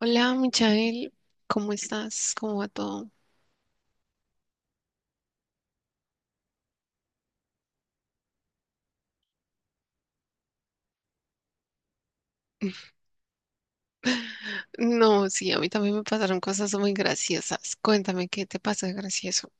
Hola, Michael, ¿cómo estás? ¿Cómo va todo? No, sí, a mí también me pasaron cosas muy graciosas. Cuéntame, ¿qué te pasó de gracioso?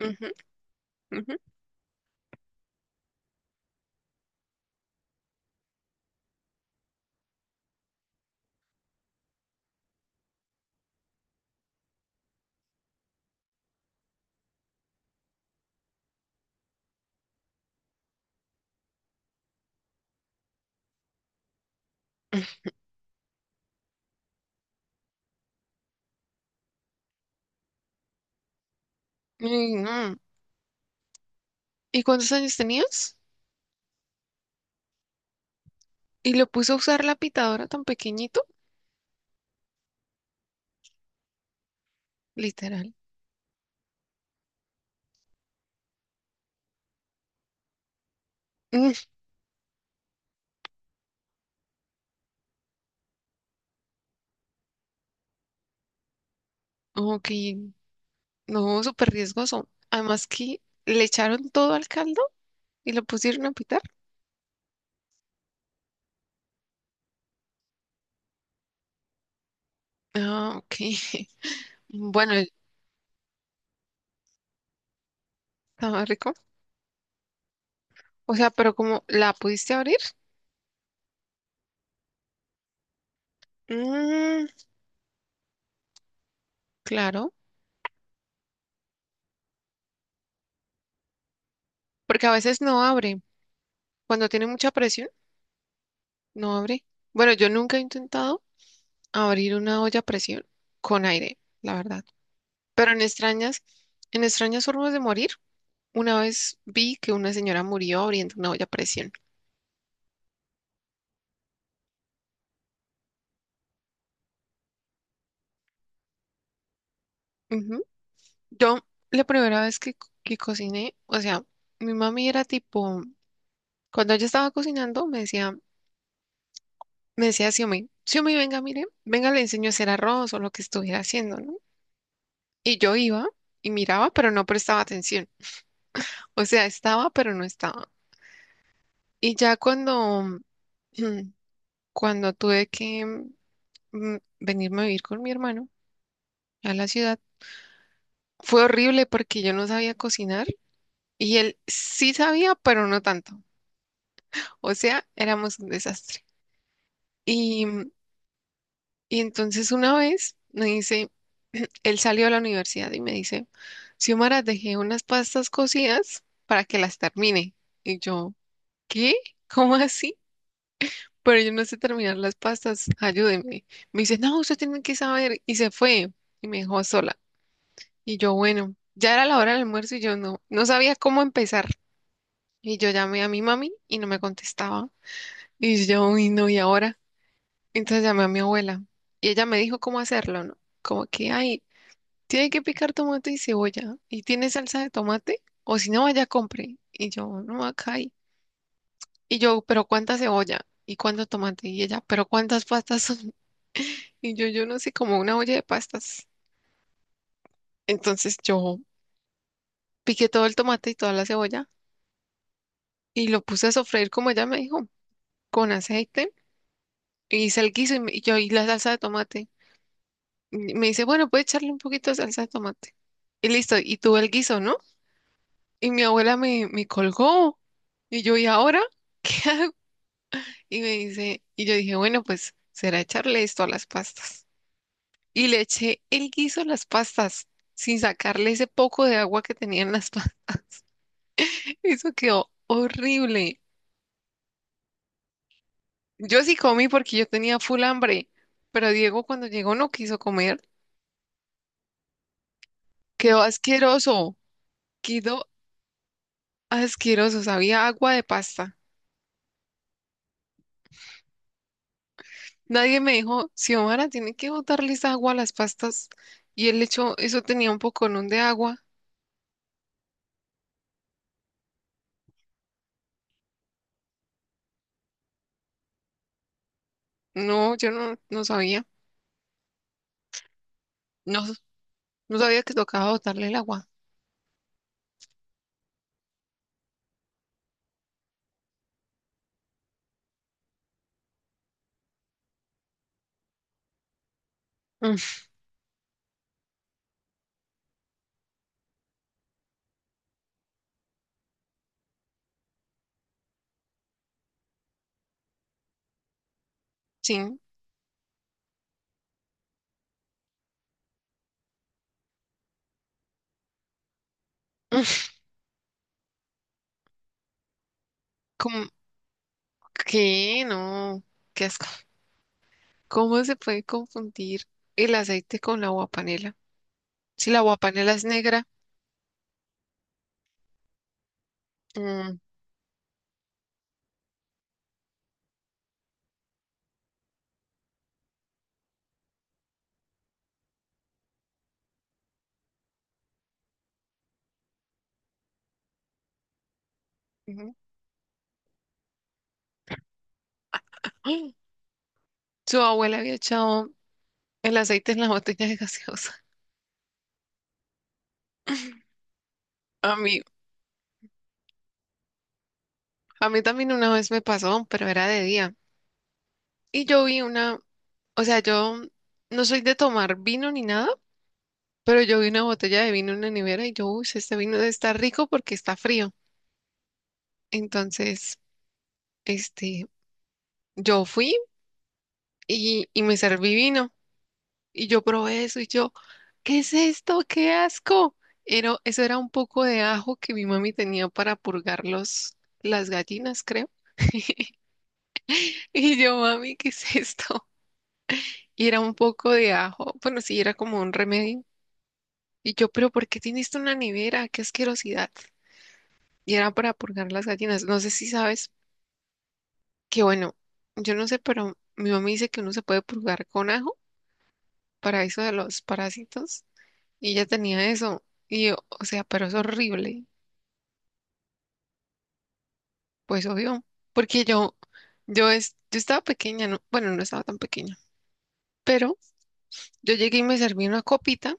Ujú, ujú. Ay, no. ¿Y cuántos años tenías? ¿Y lo puso a usar la pitadora tan pequeñito? Literal. Mm, ok, no, súper riesgoso. Además que le echaron todo al caldo y lo pusieron a pitar. Ah, ok. Bueno, estaba rico. O sea, ¿pero como la pudiste abrir? Mm, claro. Porque a veces no abre. Cuando tiene mucha presión, no abre. Bueno, yo nunca he intentado abrir una olla a presión con aire, la verdad. Pero en extrañas formas de morir, una vez vi que una señora murió abriendo una olla a presión. Ujú. Yo, la primera vez que, que cociné, o sea, mi mami era tipo, cuando ella estaba cocinando, me decía, Xiomí, Xiomí, venga, mire, venga, le enseño a hacer arroz o lo que estuviera haciendo, ¿no? Y yo iba y miraba, pero no prestaba atención. O sea, estaba, pero no estaba. Y ya cuando, mm, cuando tuve que venirme a vivir con mi hermano a la ciudad, fue horrible porque yo no sabía cocinar y él sí sabía, pero no tanto. O sea, éramos un desastre. Y, mm, y entonces una vez me dice, él salió a la universidad y me dice, Xiomara, dejé unas pastas cocidas para que las termine. Y yo, ¿qué? ¿Cómo así? Pero yo no sé terminar las pastas, ayúdeme. Me dice, no, usted tiene que saber. Y se fue y me dejó sola. Y yo, bueno, ya era la hora del almuerzo y yo no sabía cómo empezar. Y yo llamé a mi mami y no me contestaba. Y yo, uy, no, ¿y ahora? Entonces llamé a mi abuela y ella me dijo cómo hacerlo, ¿no? Como que, ay, tiene que picar tomate y cebolla. ¿Y tiene salsa de tomate? O si no, vaya, compre. Y yo, no, acá hay. Y yo, pero ¿cuánta cebolla? ¿Y cuánto tomate? Y ella, pero ¿cuántas pastas son? Y yo no sé, como una olla de pastas. Entonces yo piqué todo el tomate y toda la cebolla y lo puse a sofreír como ella me dijo, con aceite. Y hice el guiso y, me- y yo y la salsa de tomate. Y me dice, bueno, puede echarle un poquito de salsa de tomate. Y listo, y tuve el guiso, ¿no? Y mi abuela me colgó. Y yo, ¿y ahora qué hago? Y yo dije, bueno, pues será echarle esto a las pastas. Y le eché el guiso a las pastas sin sacarle ese poco de agua que tenían las pastas. Eso quedó horrible. Yo sí comí porque yo tenía full hambre, pero Diego cuando llegó no quiso comer. Quedó asqueroso, quedó asqueroso, sabía agua de pasta. Nadie me dijo, Xiomara, tiene que botarles agua a las pastas. Y él echó, eso tenía un poconón de agua. No, yo no, no sabía. No, no sabía que tocaba botarle el agua. Mm. Sí. Mm. ¿Cómo? ¿Qué? No, qué asco. ¿Cómo se puede confundir el aceite con la agua panela? Si la guapanela es negra, mm, ujú. ¡Ay! Su abuela había echado el aceite en la botella de gaseosa. A mí, a mí también una vez me pasó, pero era de día. Y yo vi una, o sea, yo no soy de tomar vino ni nada, pero yo vi una botella de vino en la nevera y yo, uy, este vino está rico porque está frío. Entonces, este, yo fui. Y me serví vino. Y yo probé eso y yo, ¿qué es esto? ¡Qué asco! Era, eso era un poco de ajo que mi mami tenía para purgar los, las gallinas, creo. Y yo, mami, ¿qué es esto? Y era un poco de ajo. Bueno, sí, era como un remedio. Y yo, pero ¿por qué tienes esto en la nevera? ¡Qué asquerosidad! Y era para purgar las gallinas. No sé si sabes que, bueno, yo no sé, pero mi mami dice que uno se puede purgar con ajo para eso de los parásitos. Y ella tenía eso. Y yo, o sea, pero es horrible. Pues obvio. Porque yo, es, Yo estaba pequeña, ¿no? Bueno, no estaba tan pequeña. Pero yo llegué y me serví una copita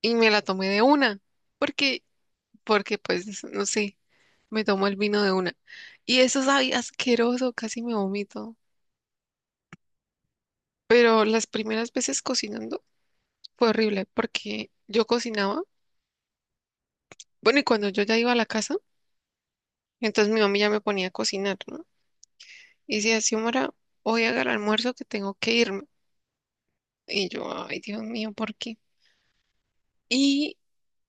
y me la tomé de una. Porque, Porque pues, no sé, me tomó el vino de una. Y eso sabía asqueroso, casi me vomito. Pero las primeras veces cocinando fue horrible porque yo cocinaba. Bueno, y cuando yo ya iba a la casa, entonces mi mamá ya me ponía a cocinar, ¿no? Y dice, Xiomara, voy a agarrar almuerzo que tengo que irme. Y yo, ay, Dios mío, ¿por qué? Y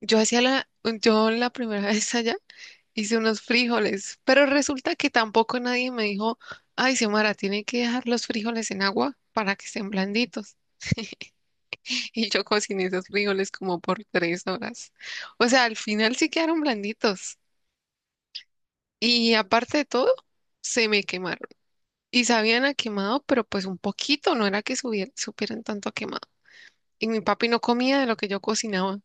yo hacía la, yo la primera vez allá hice unos frijoles, pero resulta que tampoco nadie me dijo, ay, Xiomara, tiene que dejar los frijoles en agua para que estén blanditos. Y yo cociné esos frijoles como por tres horas. O sea, al final sí quedaron blanditos. Y aparte de todo, se me quemaron. Y sabían a quemado, pero pues un poquito, no era que supieran tanto a quemado. Y mi papi no comía de lo que yo cocinaba,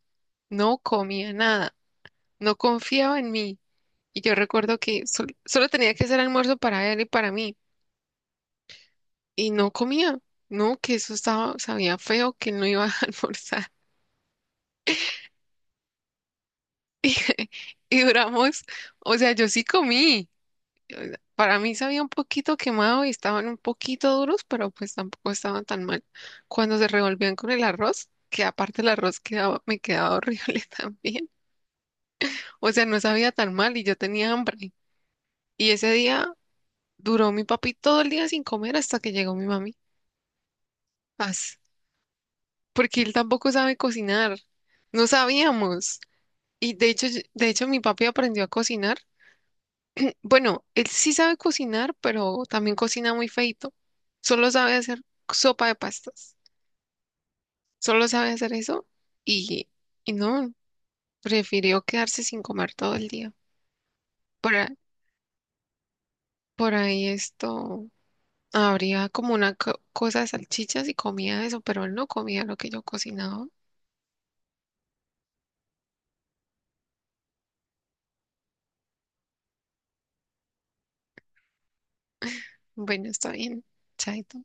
no comía nada, no confiaba en mí. Y yo recuerdo que solo tenía que hacer almuerzo para él y para mí, y no comía, no, que eso estaba, sabía feo, que no iba a almorzar. Y duramos, o sea, yo sí comí. O sea, para mí sabía un poquito quemado y estaban un poquito duros, pero pues tampoco estaban tan mal. Cuando se revolvían con el arroz, que aparte el arroz quedaba, me quedaba horrible también. O sea, no sabía tan mal y yo tenía hambre. Y ese día duró mi papi todo el día sin comer hasta que llegó mi mami. As- Porque él tampoco sabe cocinar. No sabíamos. De hecho, mi papi aprendió a cocinar. Bueno, él sí sabe cocinar, pero también cocina muy feito. Solo sabe hacer sopa de pastas. Solo sabe hacer eso. Y, y no, Prefirió quedarse sin comer todo el día. Por, a- por ahí esto habría como una cosa de salchichas y comía eso, pero él no comía lo que yo cocinaba. Bueno, está bien. Chaito.